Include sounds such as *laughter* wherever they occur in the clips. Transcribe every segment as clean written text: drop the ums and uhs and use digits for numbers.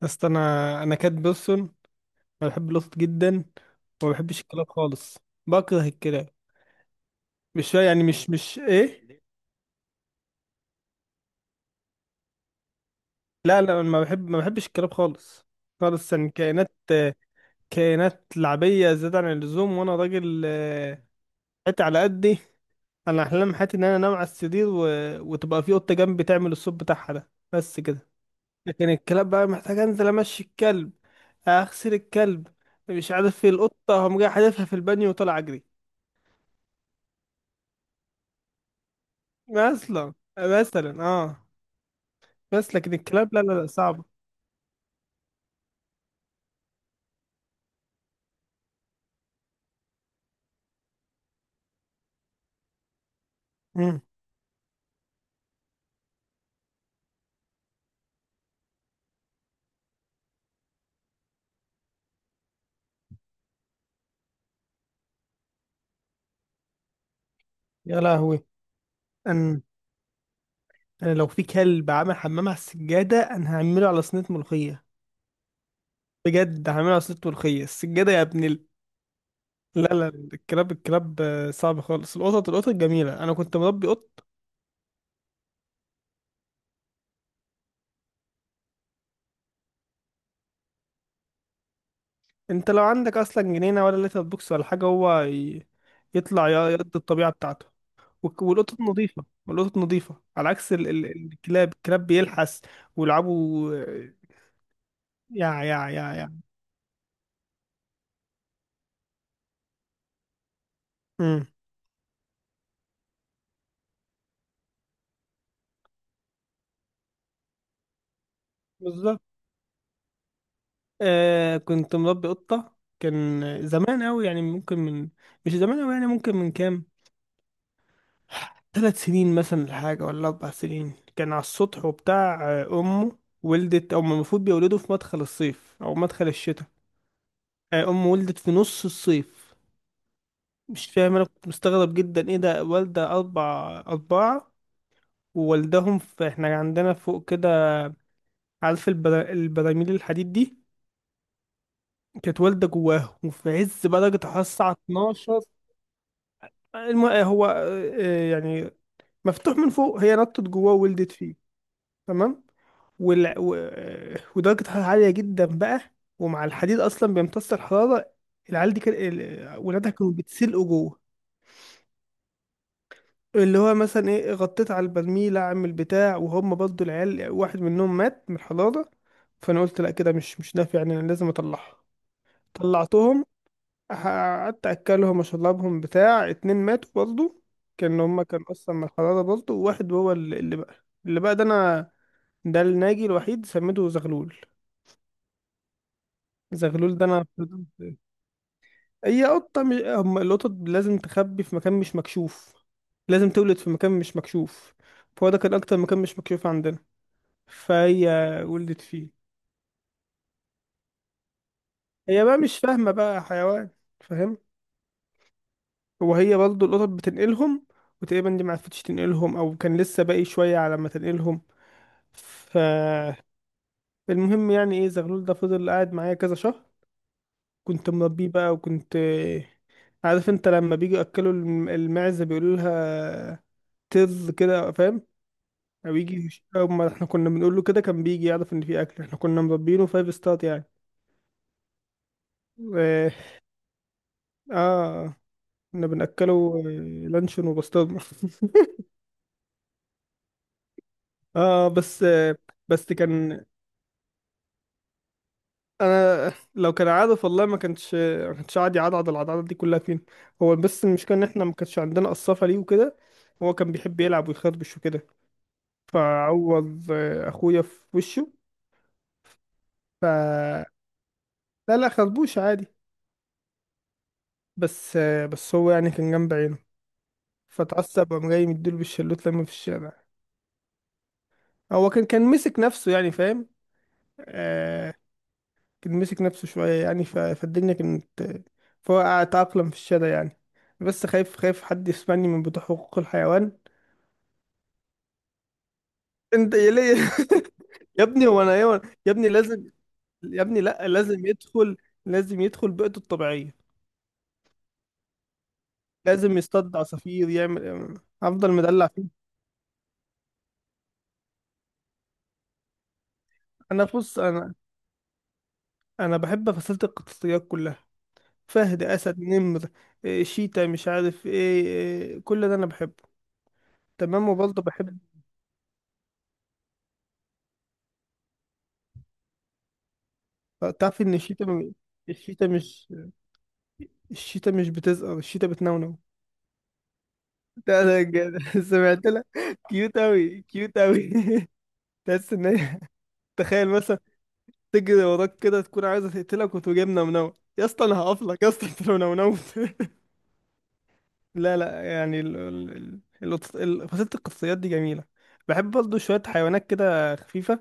بس انا كات بيرسون. انا بحب القطط جدا، وما بحبش الكلاب خالص. بكره الكلاب. مش يعني مش ايه. لا لا، أنا ما بحبش الكلاب خالص. خالص، يعني كائنات لعبيه زياده عن اللزوم، وانا راجل. حياتي على قدي. انا احلام حياتي ان انا انام على السرير وتبقى في قطه جنبي تعمل الصوت بتاعها ده، بس كده. لكن الكلاب بقى محتاج انزل امشي الكلب، اغسل الكلب، مش عارف ايه. القطه هم جاي حادفها في البانيو وطلع اجري. مثلا، اه. بس لكن الكلاب، لا لا لا صعبة. مم. يا لهوي. أن أنا لو في كلب عامل حمام على السجادة، أنا هعمله على صينية ملوخية. بجد هعمله على صينية ملوخية السجادة، يا ابن. لا لا، الكلاب الكلاب، صعب خالص. القطط القطط جميلة، أنا كنت مربي قط. أنت لو عندك أصلا جنينة ولا لتر بوكس ولا حاجة، هو يطلع، يقضي الطبيعة بتاعته. والقطط نظيفة، والقطط نظيفة على عكس الكلاب. الكلاب بيلحس ويلعبوا. يا يا يا يا امم. بالظبط. كنت مربي قطة، كان زمان أوي يعني، ممكن من، مش زمان أوي يعني، ممكن من كام، 3 سنين مثلا الحاجة ولا 4 سنين. كان على السطح وبتاع. أمه ولدت، أو المفروض بيولدوا في مدخل الصيف أو مدخل الشتاء. أمه ولدت في نص الصيف. مش فاهم، أنا كنت مستغرب جدا إيه ده. والدة أربعة، ووالدهم في، إحنا عندنا فوق كده، عارف البراميل الحديد دي، كانت والدة جواه، وفي عز بقى درجة الحرارة، الساعة 12. هو، يعني مفتوح من فوق، هي نطت جواه وولدت فيه. تمام. وال... و... آه، ودرجة الحرارة عالية جدا بقى، ومع الحديد أصلا بيمتص الحرارة. العيال دي، كان ولادها كانوا بيتسلقوا جوه، اللي هو مثلا ايه، غطيت على البرميل اعمل بتاع، وهم برضو العيال واحد منهم مات من الحرارة. فانا قلت لا كده مش نافع، يعني انا لازم اطلعها. طلعتهم، قعدت اكلهم واشربهم بتاع اتنين ماتوا برضه. كان هما كان اصلا من الحرارة برضه، وواحد هو اللي بقى، اللي بقى ده انا، ده الناجي الوحيد، سميته زغلول. زغلول ده انا هي قطة مش... هم القطط لازم تخبي في مكان مش مكشوف، لازم تولد في مكان مش مكشوف. فهو ده كان اكتر مكان مش مكشوف عندنا، فهي ولدت فيه. هي بقى مش فاهمة بقى، حيوان فاهم. وهي برضه القطط بتنقلهم، وتقريبا دي معرفتش تنقلهم، او كان لسه باقي شويه على ما تنقلهم. فالمهم يعني ايه، زغلول ده فضل قاعد معايا كذا شهر، كنت مربيه بقى. وكنت، عارف انت لما بيجوا ياكلوا المعزه بيقولوا لها تز كده، فاهم، او يجي يش- أو ما احنا كنا بنقول له كده، كان بيجي يعرف ان في اكل. احنا كنا مربينه فايف ستار يعني. اه. آه، كنا بناكله لانشون وبسطرمه. *laughs* اه، بس. بس كان، انا لو كان عارف والله ما كانش قاعد يعضعض العضعضات دي كلها. فين هو؟ بس المشكله ان احنا ما كانش عندنا قصافه ليه وكده. هو كان بيحب يلعب ويخربش وكده، فعوض اخويا في وشه. ف لا لا، خربوش عادي. بس هو يعني كان جنب عينه، فتعصب وقام جاي مديله بالشلوت لما في الشارع. هو كان مسك نفسه، يعني فاهم. آه، كان مسك نفسه شوية يعني. فالدنيا كانت، فهو تأقلم في الشارع يعني. بس خايف، خايف حد يسمعني من بتوع حقوق الحيوان. انت يا ليه؟ *laughs* يا ابني هو انا ايه يا ابني لازم؟ يا ابني لا، لازم يدخل بيئته الطبيعية، لازم يصطاد عصافير، يعمل، افضل مدلع فيه. انا بص، انا انا بحب فصيلة القطاطيات كلها: فهد، اسد، نمر، شيتا، مش عارف ايه، كل ده انا بحبه. تمام، وبرضه بحب، تعرف ان الشيتا، الشيتا مش، الشتاء مش بتزقر، الشتاء بتنونو. لا لا، جد. *laughs* سمعت لها، كيوت أوي كيوت أوي، *laughs* تحس إن هي، تخيل مثلا تجري وراك كده تكون عايزة تقتلك وتقوم جايب نونو. يا اسطى أنا هقفلك يا اسطى أنت لو نونوت. *laughs* لا لا يعني فصيلة القصيات دي جميلة. بحب برضه شوية حيوانات كده خفيفة.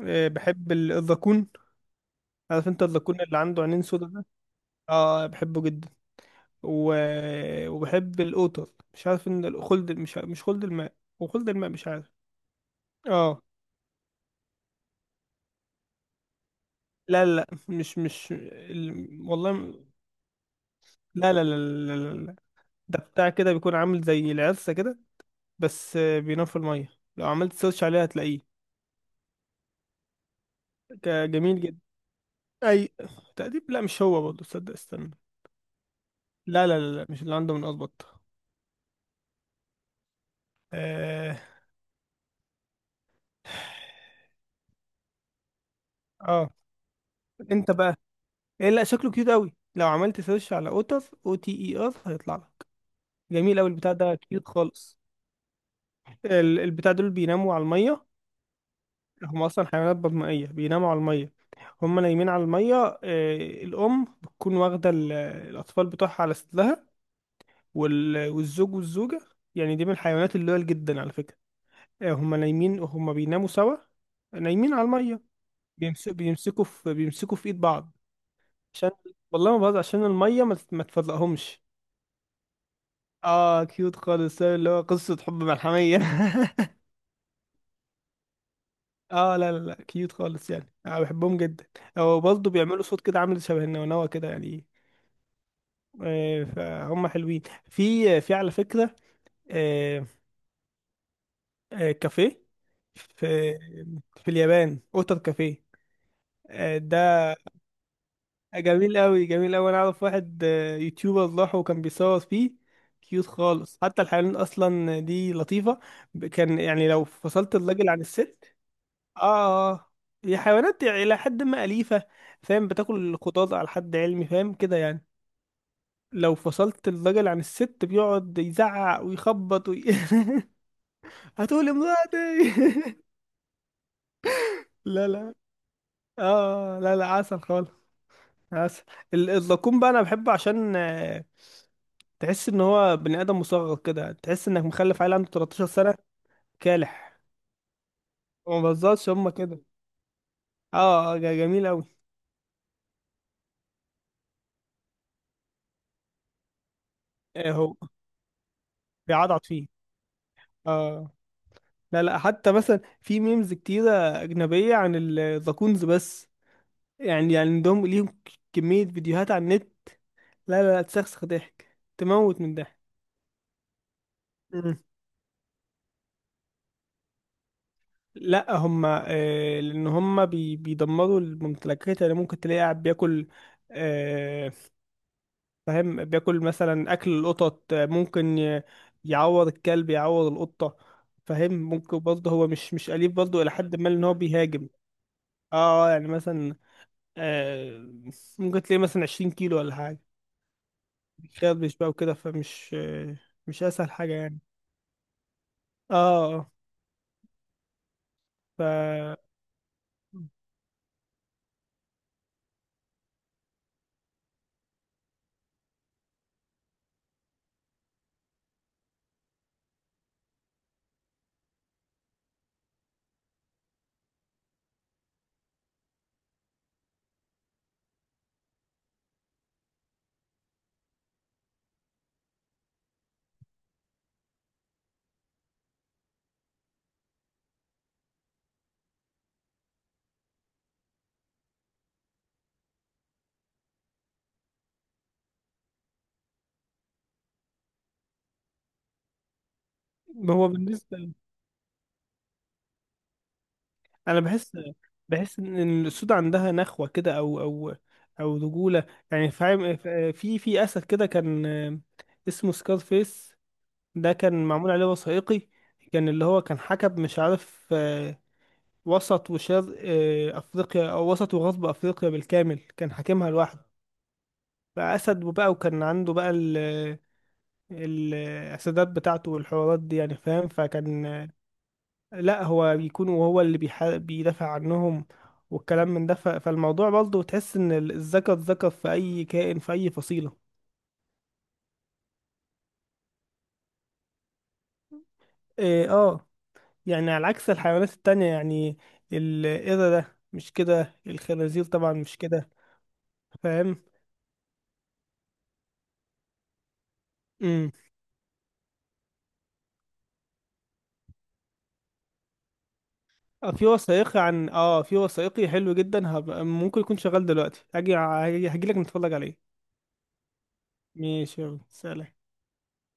بحب الذكون، عارف انت الذكون اللي عنده عينين سودا ده. اه، بحبه جدا. و... وبحب القطط، مش عارف ان خلد، مش خلد الماء. وخلد الماء، مش عارف. اه، لا لا مش والله لا لا لا لا لا لا. ده بتاع كده بيكون عامل زي العرسة كده، بس آه، بينام في المية. لو عملت سيرش عليه هتلاقيه. جميل جدا. اي تأديب، لا مش هو، برضه تصدق، استنى. لا لا لا لا، مش اللي عنده من، اظبط. اه اه. انت بقى، ايه، لا شكله كيوت قوي. لو عملت سيرش على اوتر، او تي اي ار، هيطلع لك. جميل أوي البتاع ده، كيوت خالص. البتاع دول بيناموا على المية، هم أصلا حيوانات بطنية بيناموا على المية. هم نايمين على المية، الأم بتكون واخدة الأطفال بتوعها على صدرها، والزوج والزوجة يعني، دي من الحيوانات اللويال جدا على فكرة. هم بيناموا سوا، نايمين على المية. بيمسكوا في إيد بعض عشان، والله ما بهزر، عشان المية ما تفرقهمش. اه، كيوت خالص، اللي هو قصة حب ملحمية. *laughs* اه لا لا لا، كيوت خالص يعني، انا بحبهم جدا. هو برضه بيعملوا صوت كده، عامل شبه النونوة كده يعني. فهم حلوين. في على فكرة، آه، كافيه، في في اليابان اوتر كافيه. ده جميل قوي جميل قوي. انا اعرف واحد يوتيوبر راح وكان بيصور فيه، كيوت خالص. حتى الحيوانات اصلا دي لطيفة. كان يعني، لو فصلت الراجل عن الست، اه. هي حيوانات الى حد ما اليفه، فاهم، بتاكل خضار على حد علمي، فاهم كده يعني. لو فصلت الراجل عن الست بيقعد يزعق ويخبط *laughs* هتقول امرأتي. *laughs* لا لا، اه. آه، لا لا، عسل خالص، عسل. الزقوم بقى انا بحبه عشان، تحس ان هو بني ادم مصغر كده، تحس انك مخلف عيل عنده 13 سنه كالح. ما بهزرش، هما كده. اه، جميل قوي. آه، هو بيعضعض فيه. اه لا لا، حتى مثلا في ميمز كتيرة أجنبية عن الزاكونز، بس يعني، عندهم ليهم، كمية فيديوهات على النت، لا لا لا، تسخسخ ضحك، تموت من ضحك. مم. لا، هما، لأن هما بيدمروا الممتلكات، يعني ممكن تلاقي قاعد بياكل، آه فاهم، بياكل مثلا أكل القطط، يعور الكلب، يعور القطة، فاهم. ممكن برضه هو مش أليف برضه إلى حد ما، إن هو بيهاجم. اه يعني مثلا، آه، ممكن تلاقي مثلا 20 كيلو ولا حاجة، بيخربش بقى وكده، فمش، مش أسهل حاجة يعني. اه اه. ف هو بالنسبة، أنا بحس، بحس إن الأسود عندها نخوة كده، أو أو رجولة يعني فاهم. في أسد كده كان، اسمه سكار فيس، ده كان معمول عليه وثائقي. كان اللي هو كان حكم، مش عارف، وسط وشرق أفريقيا، أو وسط وغرب أفريقيا بالكامل، كان حاكمها لوحده. بقى أسد، وبقى وكان عنده بقى الأسدات بتاعته والحوارات دي يعني فاهم. فكان، لا هو بيكون، وهو اللي بيدافع عنهم والكلام من ده. فالموضوع برضه، تحس إن الذكر ذكر في أي كائن في أي فصيلة. إيه، آه، يعني على عكس الحيوانات التانية يعني. القردة ده مش كده، الخنازير طبعا مش كده، فاهم. امم. في وثائقي عن، اه في وثائقي حلو جدا، هبقى ممكن يكون شغال دلوقتي، هاجي لك نتفرج عليه. ماشي، يلا سلام.